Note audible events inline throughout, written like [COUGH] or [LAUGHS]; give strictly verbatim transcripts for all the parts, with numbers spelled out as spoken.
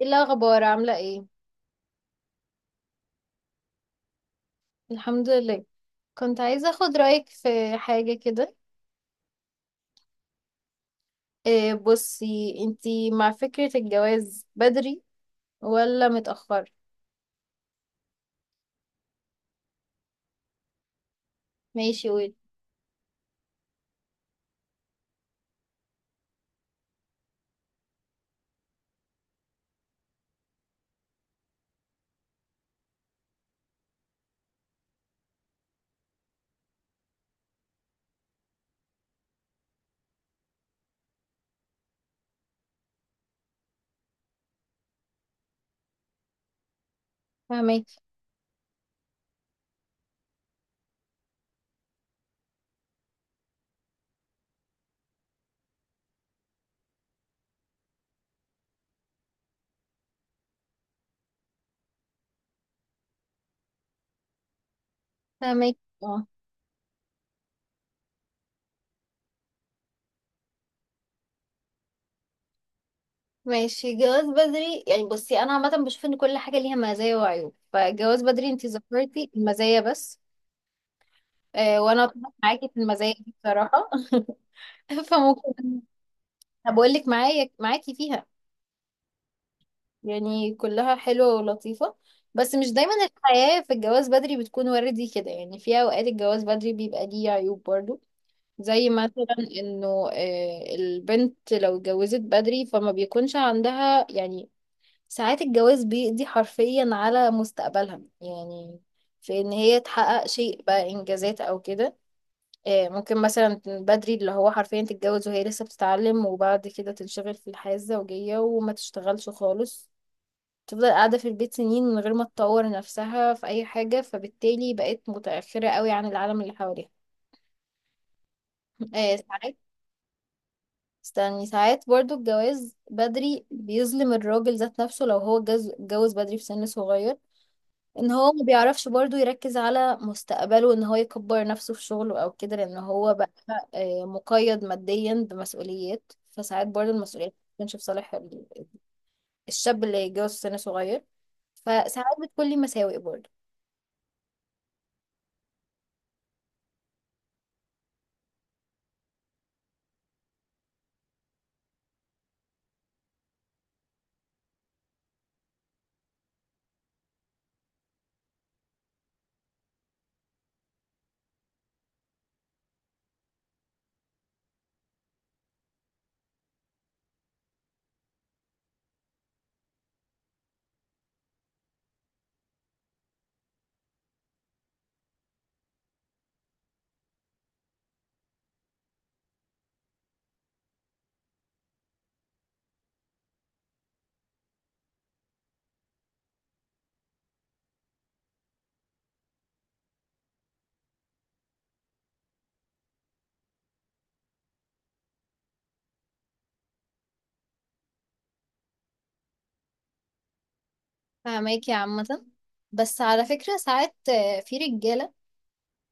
ايه الاخبار؟ عامله ايه؟ الحمد لله. كنت عايزه اخد رايك في حاجه كده. إيه، بصي انتي مع فكره الجواز بدري ولا متاخر؟ ماشي، قولي. فهمك. فهمك. اه، ماشي. جواز بدري، يعني بصي انا عامه بشوف ان كل حاجه ليها مزايا وعيوب، فجواز بدري انتي ذكرتي المزايا بس. إيه، وانا أتفق معاكي في المزايا دي بصراحه. [LAUGHS] فممكن. بقول لك معايا معاكي فيها. يعني كلها حلوة ولطيفة. بس مش دايما الحياة في الجواز بدري بتكون وردي كده، يعني في أوقات الجواز بدري بيبقى ليه عيوب برضو. زي مثلا انه آه، البنت لو اتجوزت بدري فما بيكونش عندها يعني. ساعات الجواز بيقضي حرفيا على مستقبلها يعني في ان هي تحقق شيء بقى انجازات او كده. آه، ممكن مثلا بدري اللي هو حرفيا تتجوز وهي لسه بتتعلم وبعد كده تنشغل في الحياة الزوجية وما تشتغلش خالص. تفضل قاعدة في البيت سنين من غير ما تطور نفسها في أي حاجة، فبالتالي بقت متأخرة قوي عن العالم اللي حواليها. [LAUGHS] آه، ساعات. استني، ساعات برضو الجواز بدري بيظلم الراجل ذات نفسه لو هو جز- اتجوز بدري في سن صغير. ان هو ما بيعرفش برضو يركز على مستقبله ان هو يكبر نفسه في شغله او كده لان هو بقى آه، مقيد ماديا بمسؤوليات، فساعات برضو المسؤوليات ما بتكونش في صالح ال- الشاب اللي يتجوز في سن صغير. فساعات بتكون لي مساوئ برضو. فاهماكي عامة. بس على فكرة ساعات، آه، في رجالة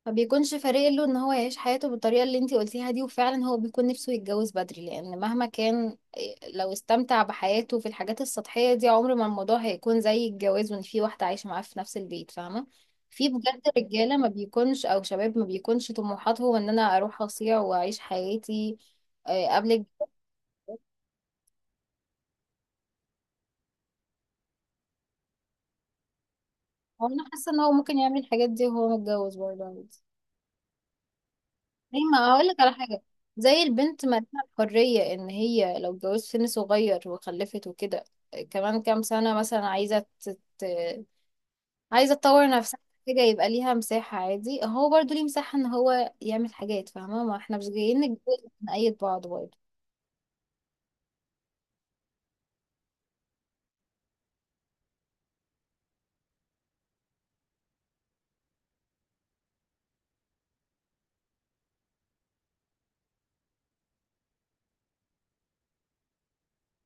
ما بيكونش فارق له ان هو يعيش حياته بالطريقة اللي انتي قلتيها دي، وفعلا هو بيكون نفسه يتجوز بدري لان مهما كان آه، لو استمتع بحياته في الحاجات السطحية دي عمر ما الموضوع هيكون زي الجواز وان في واحدة عايشة معاه في نفس البيت، فاهمة. في بجد رجالة ما بيكونش او شباب ما بيكونش طموحاته ان انا اروح اصيع واعيش حياتي آه، قبل الجواز. انا حاسة ان هو ممكن يعمل الحاجات دي وهو متجوز برضه عادي. زي ما اقول لك على حاجه، زي البنت ما لها الحريه ان هي لو اتجوزت سن صغير وخلفت وكده كمان كام سنه مثلا عايزه تت... عايزه تطور نفسها، حاجه يبقى ليها مساحه عادي، هو برضو ليه مساحه ان هو يعمل حاجات فاهمه، ما احنا مش جايين نتجوز نأيد بعض برضه.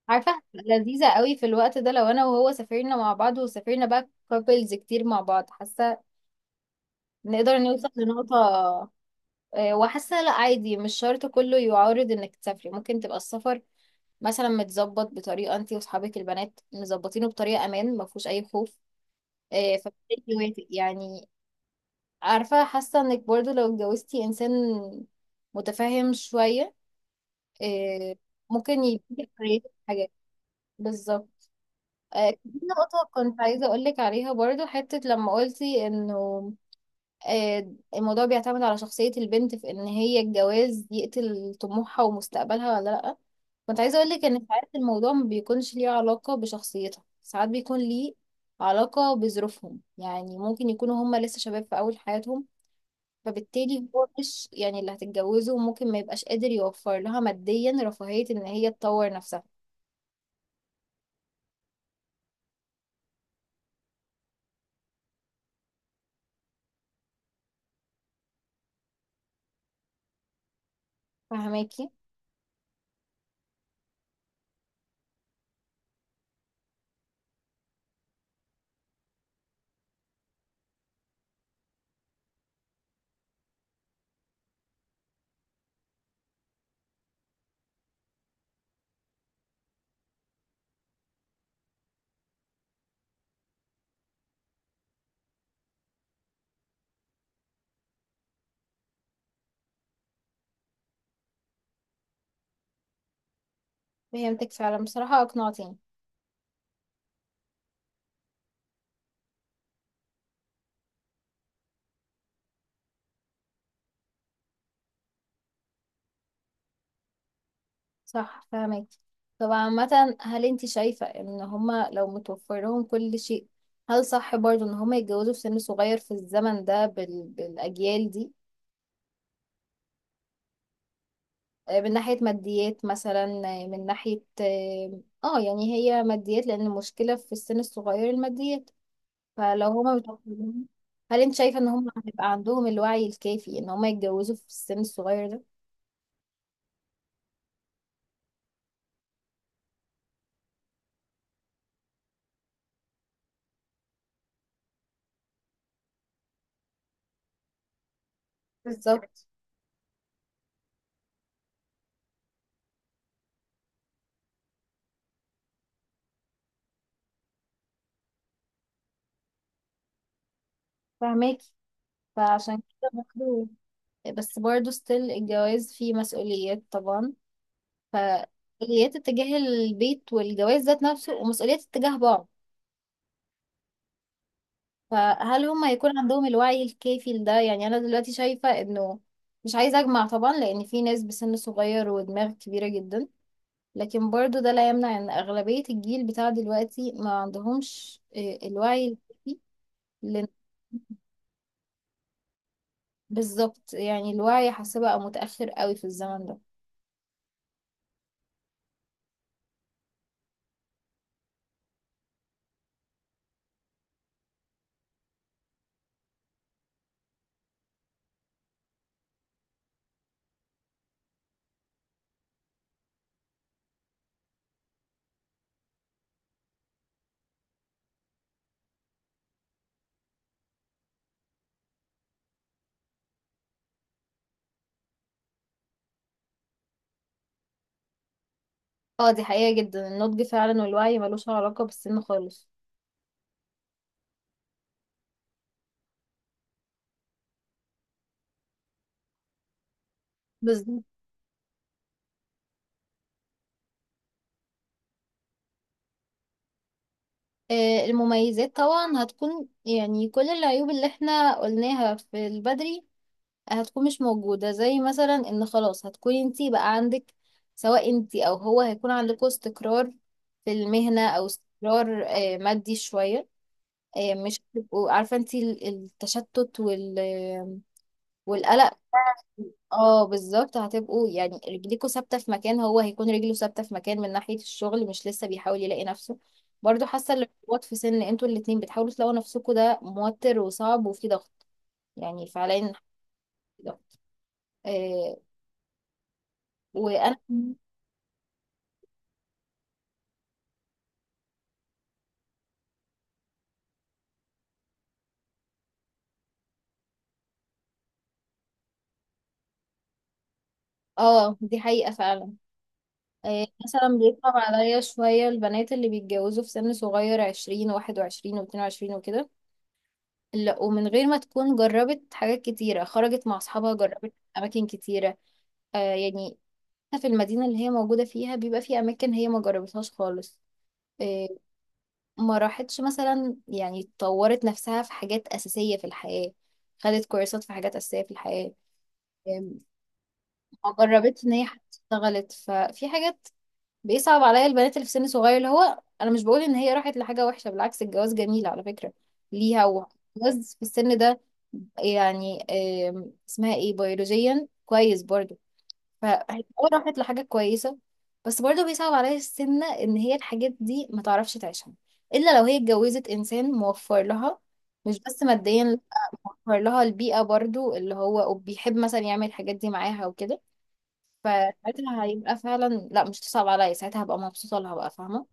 عارفه هتبقى لذيذه قوي في الوقت ده لو انا وهو سافرنا مع بعض وسافرنا بقى كابلز كتير مع بعض، حاسه نقدر نوصل لنقطه. آه، وحاسه لا عادي، مش شرط كله يعارض انك تسافري، ممكن تبقى السفر مثلا متظبط بطريقه انت واصحابك البنات مظبطينه بطريقه امان ما فيهوش اي خوف، آه، فبالتالي يوافق يعني. عارفه حاسه انك برضو لو اتجوزتي انسان متفاهم شويه آه، ممكن يديكي حريه في حاجات. بالظبط. آه، دي نقطة كنت عايزة أقولك عليها برضو حتة لما قلتي إنه آه، الموضوع بيعتمد على شخصية البنت في إن هي الجواز يقتل طموحها ومستقبلها ولا لأ. كنت عايزة أقولك إن ساعات الموضوع ما بيكونش ليه علاقة بشخصيتهم، ساعات بيكون ليه علاقة بظروفهم، يعني ممكن يكونوا هما لسه شباب في أول حياتهم، فبالتالي هو مش يعني اللي هتتجوزه ممكن ما يبقاش قادر يوفر لها ماديا رفاهية إن هي تطور نفسها. فهماكي. فهمتك فعلا، بصراحة أقنعتيني. صح، فهماكي. طب عامة هل انتي شايفة إن هما لو متوفر لهم كل شيء، هل صح برضه إن هما يتجوزوا في سن صغير في الزمن ده بال... بالأجيال دي؟ آه، من ناحية ماديات مثلا. آه، من ناحية اه آه، يعني هي ماديات، لأن المشكلة في السن الصغير الماديات، فلو هما متوفرين، هل انت شايفة ان هما هيبقى عندهم الوعي الكافي ان هما يتجوزوا في السن الصغير ده؟ بالظبط. فهماكي. فعشان كده برضه. بس برضه ستيل الجواز فيه مسؤوليات طبعا، ف مسؤوليات اتجاه البيت والجواز ذات نفسه ومسؤوليات اتجاه بعض. فهل هم هيكون عندهم الوعي الكافي لده، يعني انا دلوقتي شايفة انه مش عايزة اجمع طبعا لان في ناس بسن صغير ودماغ كبيرة جدا، لكن برضو ده لا يمنع ان اغلبية الجيل بتاع دلوقتي ما عندهمش آه، الوعي الكافي. لأن- بالظبط، يعني الوعي حاسة بقى متأخر قوي في الزمن ده. اه دي حقيقة جدا، النضج فعلا والوعي ملوش علاقة بالسن خالص. بالظبط. آه، المميزات طبعا هتكون يعني كل العيوب اللي احنا قلناها في البدري هتكون مش موجودة، زي مثلا ان خلاص هتكوني انتي بقى عندك، سواء انتي او هو هيكون عندكوا استقرار في المهنة او استقرار آه، مادي شوية. آه، مش هتبقوا عارفة انتي ال- التشتت وال والقلق. اه بالظبط، هتبقوا يعني رجليكوا ثابتة في مكان، هو هيكون رجله ثابتة في مكان من ناحية الشغل مش لسه بيحاول يلاقي نفسه. برضو حاسة الارتباط في سن انتوا الاتنين بتحاولوا تلاقوا نفسكوا ده موتر وصعب وفي ضغط، يعني فعليا في ضغط. آه، وانا. اه دي حقيقة فعلا. إيه مثلا بيصعب عليا شوية البنات اللي بيتجوزوا في سن صغير، عشرين واحد وعشرين واتنين وعشرين وكده، لا ومن غير ما تكون جربت حاجات كتيرة، خرجت مع أصحابها، جربت أماكن كتيرة آه يعني حتى في المدينة اللي هي موجودة فيها بيبقى في أماكن هي ما جربتهاش خالص. إيه، ما راحتش مثلا، يعني طورت نفسها في حاجات أساسية في الحياة، خدت كورسات في حاجات أساسية في الحياة. إيه، ما جربتش إن هي حتى اشتغلت، ففي حاجات بيصعب عليا البنات اللي في سن صغير، اللي هو انا مش بقول ان هي راحت لحاجه وحشه، بالعكس الجواز جميل على فكره ليها، وجواز في السن ده يعني آم، اسمها ايه بيولوجيا كويس برضو، فهي آه راحت لحاجه كويسه. بس برضو بيصعب عليا السن ان هي الحاجات دي ما تعرفش تعيشها الا لو هي اتجوزت انسان موفر لها، مش بس ماديا لا، موفر لها البيئه برضو اللي هو وبيحب مثلا يعمل الحاجات دي معاها وكده. فساعتها هيبقى فعلا لا مش تصعب عليا، ساعتها هبقى مبسوطة لها بقى فاهمة.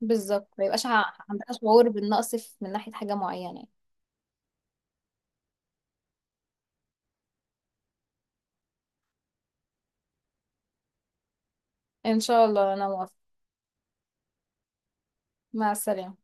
بالظبط، ما يبقاش ع- عندها شعور بالنقص في- من ناحية حاجة معينة يعني. ان شاء الله انا موافقة. مع السلامة.